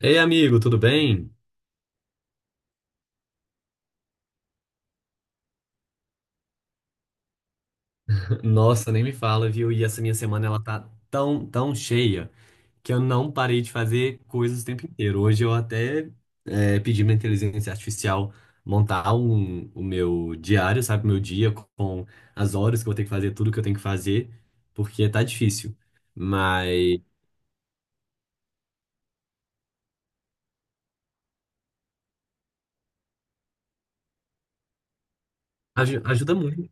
Ei, amigo, tudo bem? Nossa, nem me fala, viu? E essa minha semana ela tá tão, tão cheia que eu não parei de fazer coisas o tempo inteiro. Hoje eu até pedi minha inteligência artificial montar o meu diário, sabe? Meu dia com as horas que eu vou ter que fazer, tudo que eu tenho que fazer, porque tá difícil. Mas ajuda muito.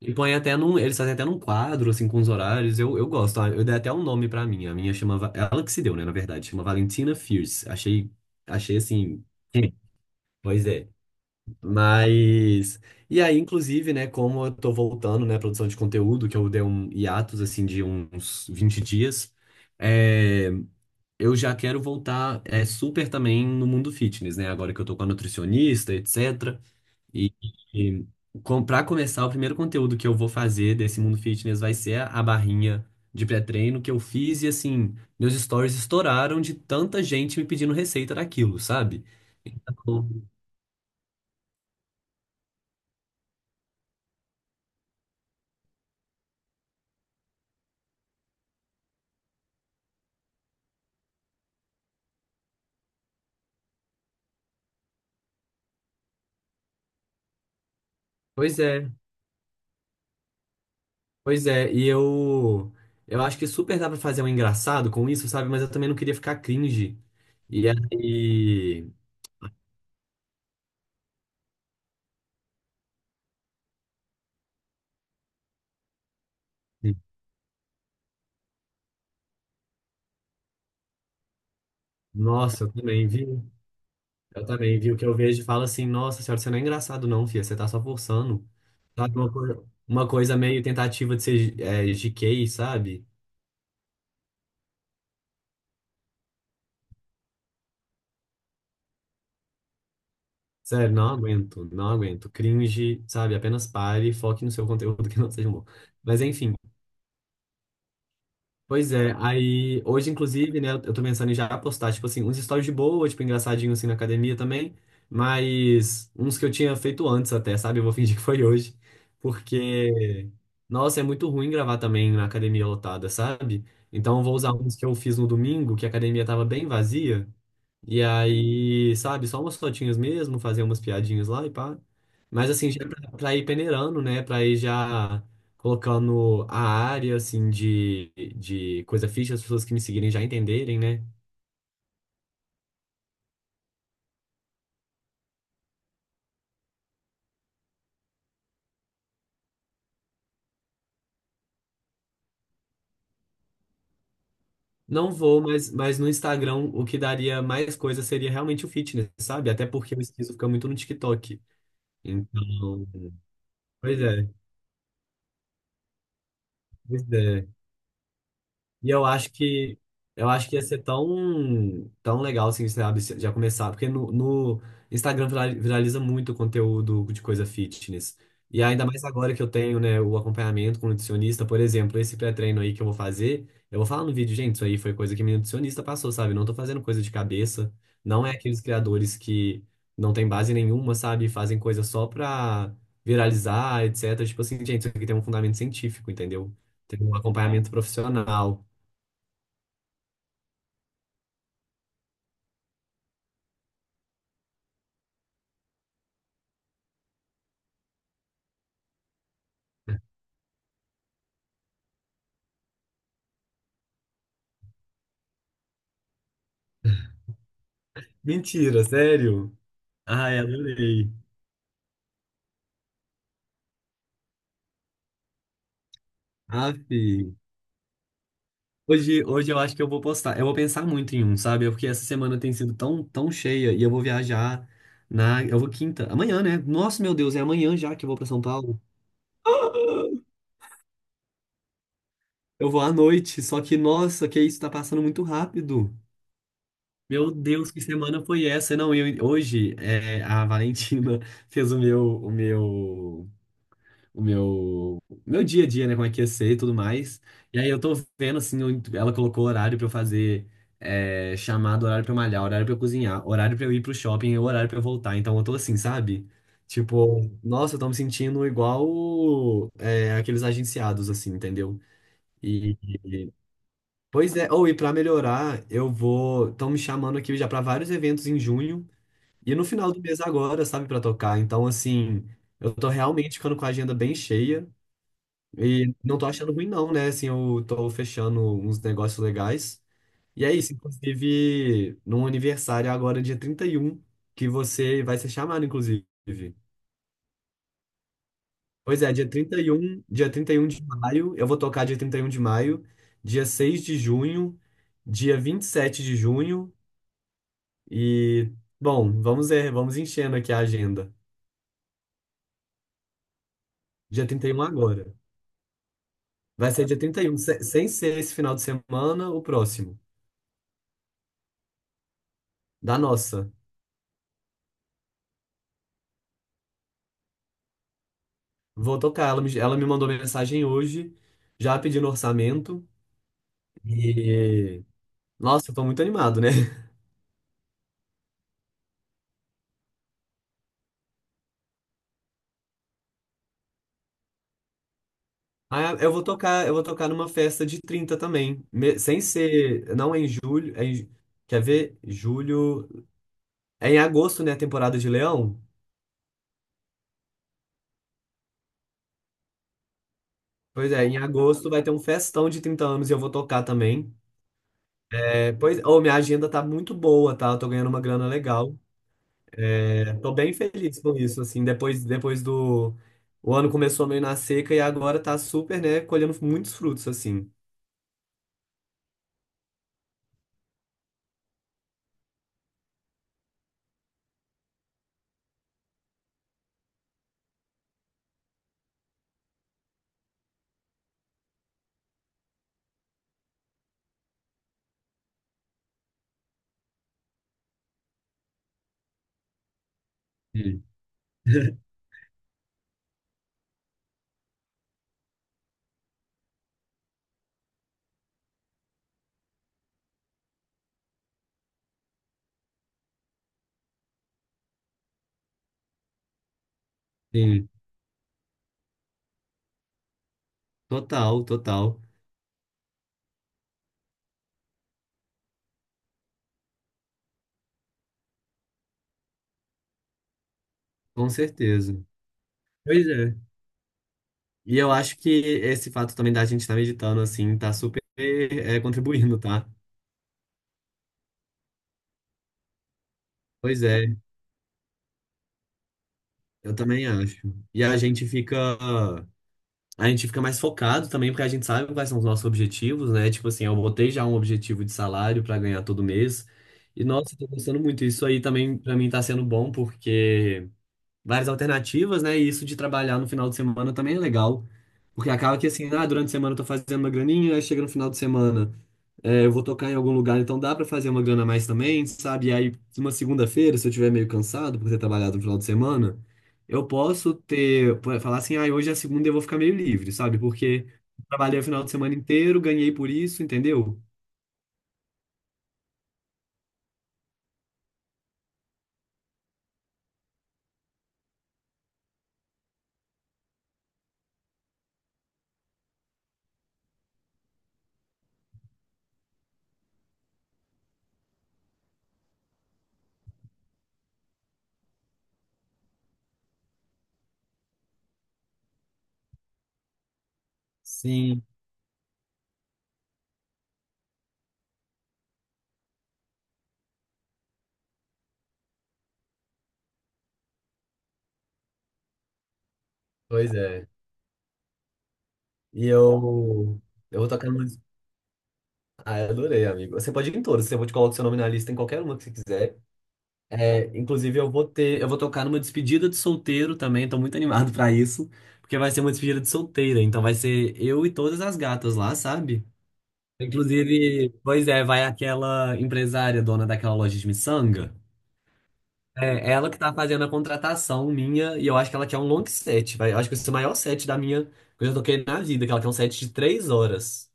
E põe até num. Eles fazem até num quadro, assim, com os horários. Eu gosto. Ah, eu dei até um nome pra minha. A minha chama. É ela que se deu, né, na verdade. Chama Valentina Fierce. Achei. Achei assim. Sim. Pois é. Mas. E aí, inclusive, né, como eu tô voltando, né, à produção de conteúdo, que eu dei um hiatus, assim, de uns 20 dias. é, eu já quero voltar super também no mundo fitness, né? Agora que eu tô com a nutricionista, etc. E, e começar, o primeiro conteúdo que eu vou fazer desse mundo fitness vai ser a barrinha de pré-treino que eu fiz e assim, meus stories estouraram de tanta gente me pedindo receita daquilo, sabe? Então, pois é, pois é. E eu acho que super dá pra fazer um engraçado com isso, sabe? Mas eu também não queria ficar cringe. E aí, nossa, eu também vi. Eu também, viu? Que eu vejo e falo assim, nossa senhora, você não é engraçado não, filha, você tá só forçando. Sabe, uma coisa meio tentativa de ser GK, sabe? Sério, não aguento, não aguento. Cringe, sabe? Apenas pare e foque no seu conteúdo que não seja bom. Mas enfim, pois é, aí hoje, inclusive, né, eu tô pensando em já postar, tipo assim, uns stories de boa, tipo, engraçadinho assim na academia também, mas uns que eu tinha feito antes até, sabe? Eu vou fingir que foi hoje, porque, nossa, é muito ruim gravar também na academia lotada, sabe? Então eu vou usar uns que eu fiz no domingo, que a academia tava bem vazia, e aí, sabe, só umas fotinhas mesmo, fazer umas piadinhas lá e pá. Mas assim, já é pra ir peneirando, né? Pra ir já colocando a área, assim, de coisa fixa, as pessoas que me seguirem já entenderem, né? Não vou, mas no Instagram o que daria mais coisa seria realmente o fitness, sabe? Até porque o esquizo fica muito no TikTok. Então, pois é, pois é. E eu acho que ia ser tão, tão legal assim, sabe, já começar, porque no Instagram viraliza muito conteúdo de coisa fitness. E ainda mais agora que eu tenho, né, o acompanhamento com o nutricionista, por exemplo, esse pré-treino aí que eu vou fazer, eu vou falar no vídeo, gente, isso aí foi coisa que minha nutricionista passou, sabe? Não tô fazendo coisa de cabeça, não é aqueles criadores que não tem base nenhuma, sabe, fazem coisa só pra viralizar, etc. Tipo assim, gente, isso aqui tem um fundamento científico, entendeu? Tem um acompanhamento profissional. Mentira, sério? Ai, adorei. Aff. Hoje eu acho que eu vou postar. Eu vou pensar muito em um, sabe? Porque essa semana tem sido tão, tão cheia e eu vou viajar na. Eu vou quinta. Amanhã, né? Nossa, meu Deus, é amanhã já que eu vou pra São Paulo. Eu vou à noite, só que, nossa, que isso tá passando muito rápido. Meu Deus, que semana foi essa? Não, eu, hoje a Valentina fez meu dia a dia, né? Como é que ia ser e tudo mais. E aí eu tô vendo, assim, ela colocou horário pra eu fazer chamada, horário pra eu malhar, horário pra eu cozinhar, horário pra eu ir pro shopping e horário pra eu voltar. Então eu tô assim, sabe? Tipo, nossa, eu tô me sentindo igual aqueles agenciados, assim, entendeu? E, pois é, ou e pra melhorar, eu vou. Estão me chamando aqui já pra vários eventos em junho e no final do mês agora, sabe, pra tocar. Então, assim, eu tô realmente ficando com a agenda bem cheia. E não tô achando ruim, não, né? Assim, eu tô fechando uns negócios legais. E é isso, inclusive, num aniversário agora, dia 31 que você vai ser chamado, inclusive. Pois é, dia trinta e um de maio, eu vou tocar dia 31 de maio, dia 6 de junho, dia 27 de junho e, bom, vamos ver, vamos enchendo aqui a agenda. Dia 31 agora. Vai ser dia 31, sem ser esse final de semana, o próximo, da nossa. Vou tocar. Ela me mandou mensagem hoje, já pedindo orçamento. E. Nossa, eu tô muito animado, né? Ah, eu vou tocar numa festa de 30 também. Sem ser. Não é em julho. Quer ver? Julho. É em agosto, né? A temporada de Leão. Pois é, em agosto vai ter um festão de 30 anos e eu vou tocar também. É, pois, oh, minha agenda tá muito boa, tá? Eu tô ganhando uma grana legal. Tô bem feliz com isso, assim, depois do... O ano começou meio na seca e agora tá super, né, colhendo muitos frutos, assim. Sim, sim, total, total, com certeza. Pois é. E eu acho que esse fato também da gente estar meditando, assim, tá super, contribuindo, tá? Pois é, eu também acho. E a gente fica. A gente fica mais focado também, porque a gente sabe quais são os nossos objetivos, né? Tipo assim, eu botei já um objetivo de salário para ganhar todo mês. E nossa, tô gostando muito. Isso aí também para mim tá sendo bom, porque várias alternativas, né? E isso de trabalhar no final de semana também é legal. Porque acaba que assim, ah, durante a semana eu tô fazendo uma graninha, aí chega no final de semana. É, eu vou tocar em algum lugar, então dá pra fazer uma grana a mais também, sabe? E aí, uma segunda-feira, se eu tiver meio cansado por ter trabalhado no final de semana, eu posso ter, pô, falar assim, ah, hoje é a segunda e eu vou ficar meio livre, sabe? Porque trabalhei o final de semana inteiro, ganhei por isso, entendeu? Sim, pois é. E eu vou tocar numa. Ah, eu adorei, amigo. Você pode ir em todas, eu vou te colocar seu nome na lista em qualquer uma que você quiser. É, inclusive, eu vou tocar numa despedida de solteiro também, tô muito animado pra isso, porque vai ser uma despedida de solteira, então vai ser eu e todas as gatas lá, sabe? Inclusive, pois é, vai aquela empresária dona daquela loja de miçanga. É ela que tá fazendo a contratação minha, e eu acho que ela quer um long set, vai, eu acho que esse é o maior set da minha que eu já toquei na vida, que ela quer um set de 3 horas.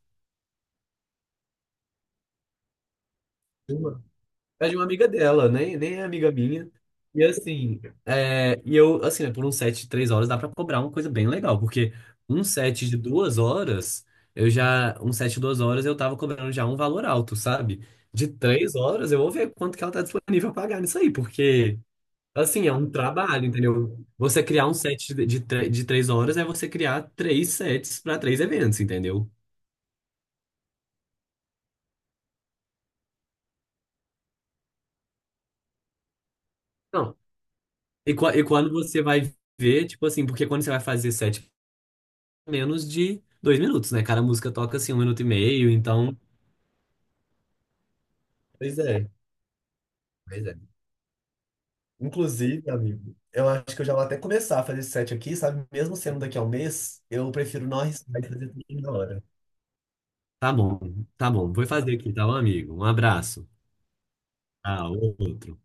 É de uma amiga dela, nem é amiga minha. E assim, e eu, assim, né, por um set de 3 horas dá pra cobrar uma coisa bem legal, porque um set de 2 horas, eu tava cobrando já um valor alto, sabe? De três horas eu vou ver quanto que ela tá disponível a pagar nisso aí, porque, assim, é um trabalho, entendeu? Você criar um set de 3 horas é você criar três sets pra três eventos, entendeu? Não. E quando você vai ver, tipo assim, porque quando você vai fazer set menos de 2 minutos, né? Cada música toca assim um minuto e meio, então. Pois é, pois é. Inclusive, amigo, eu acho que eu já vou até começar a fazer esse set aqui, sabe? Mesmo sendo daqui a um mês, eu prefiro não arriscar e fazer tudo na hora. Tá bom, tá bom. Vou fazer aqui, tá, meu amigo? Um abraço. Ah, outro.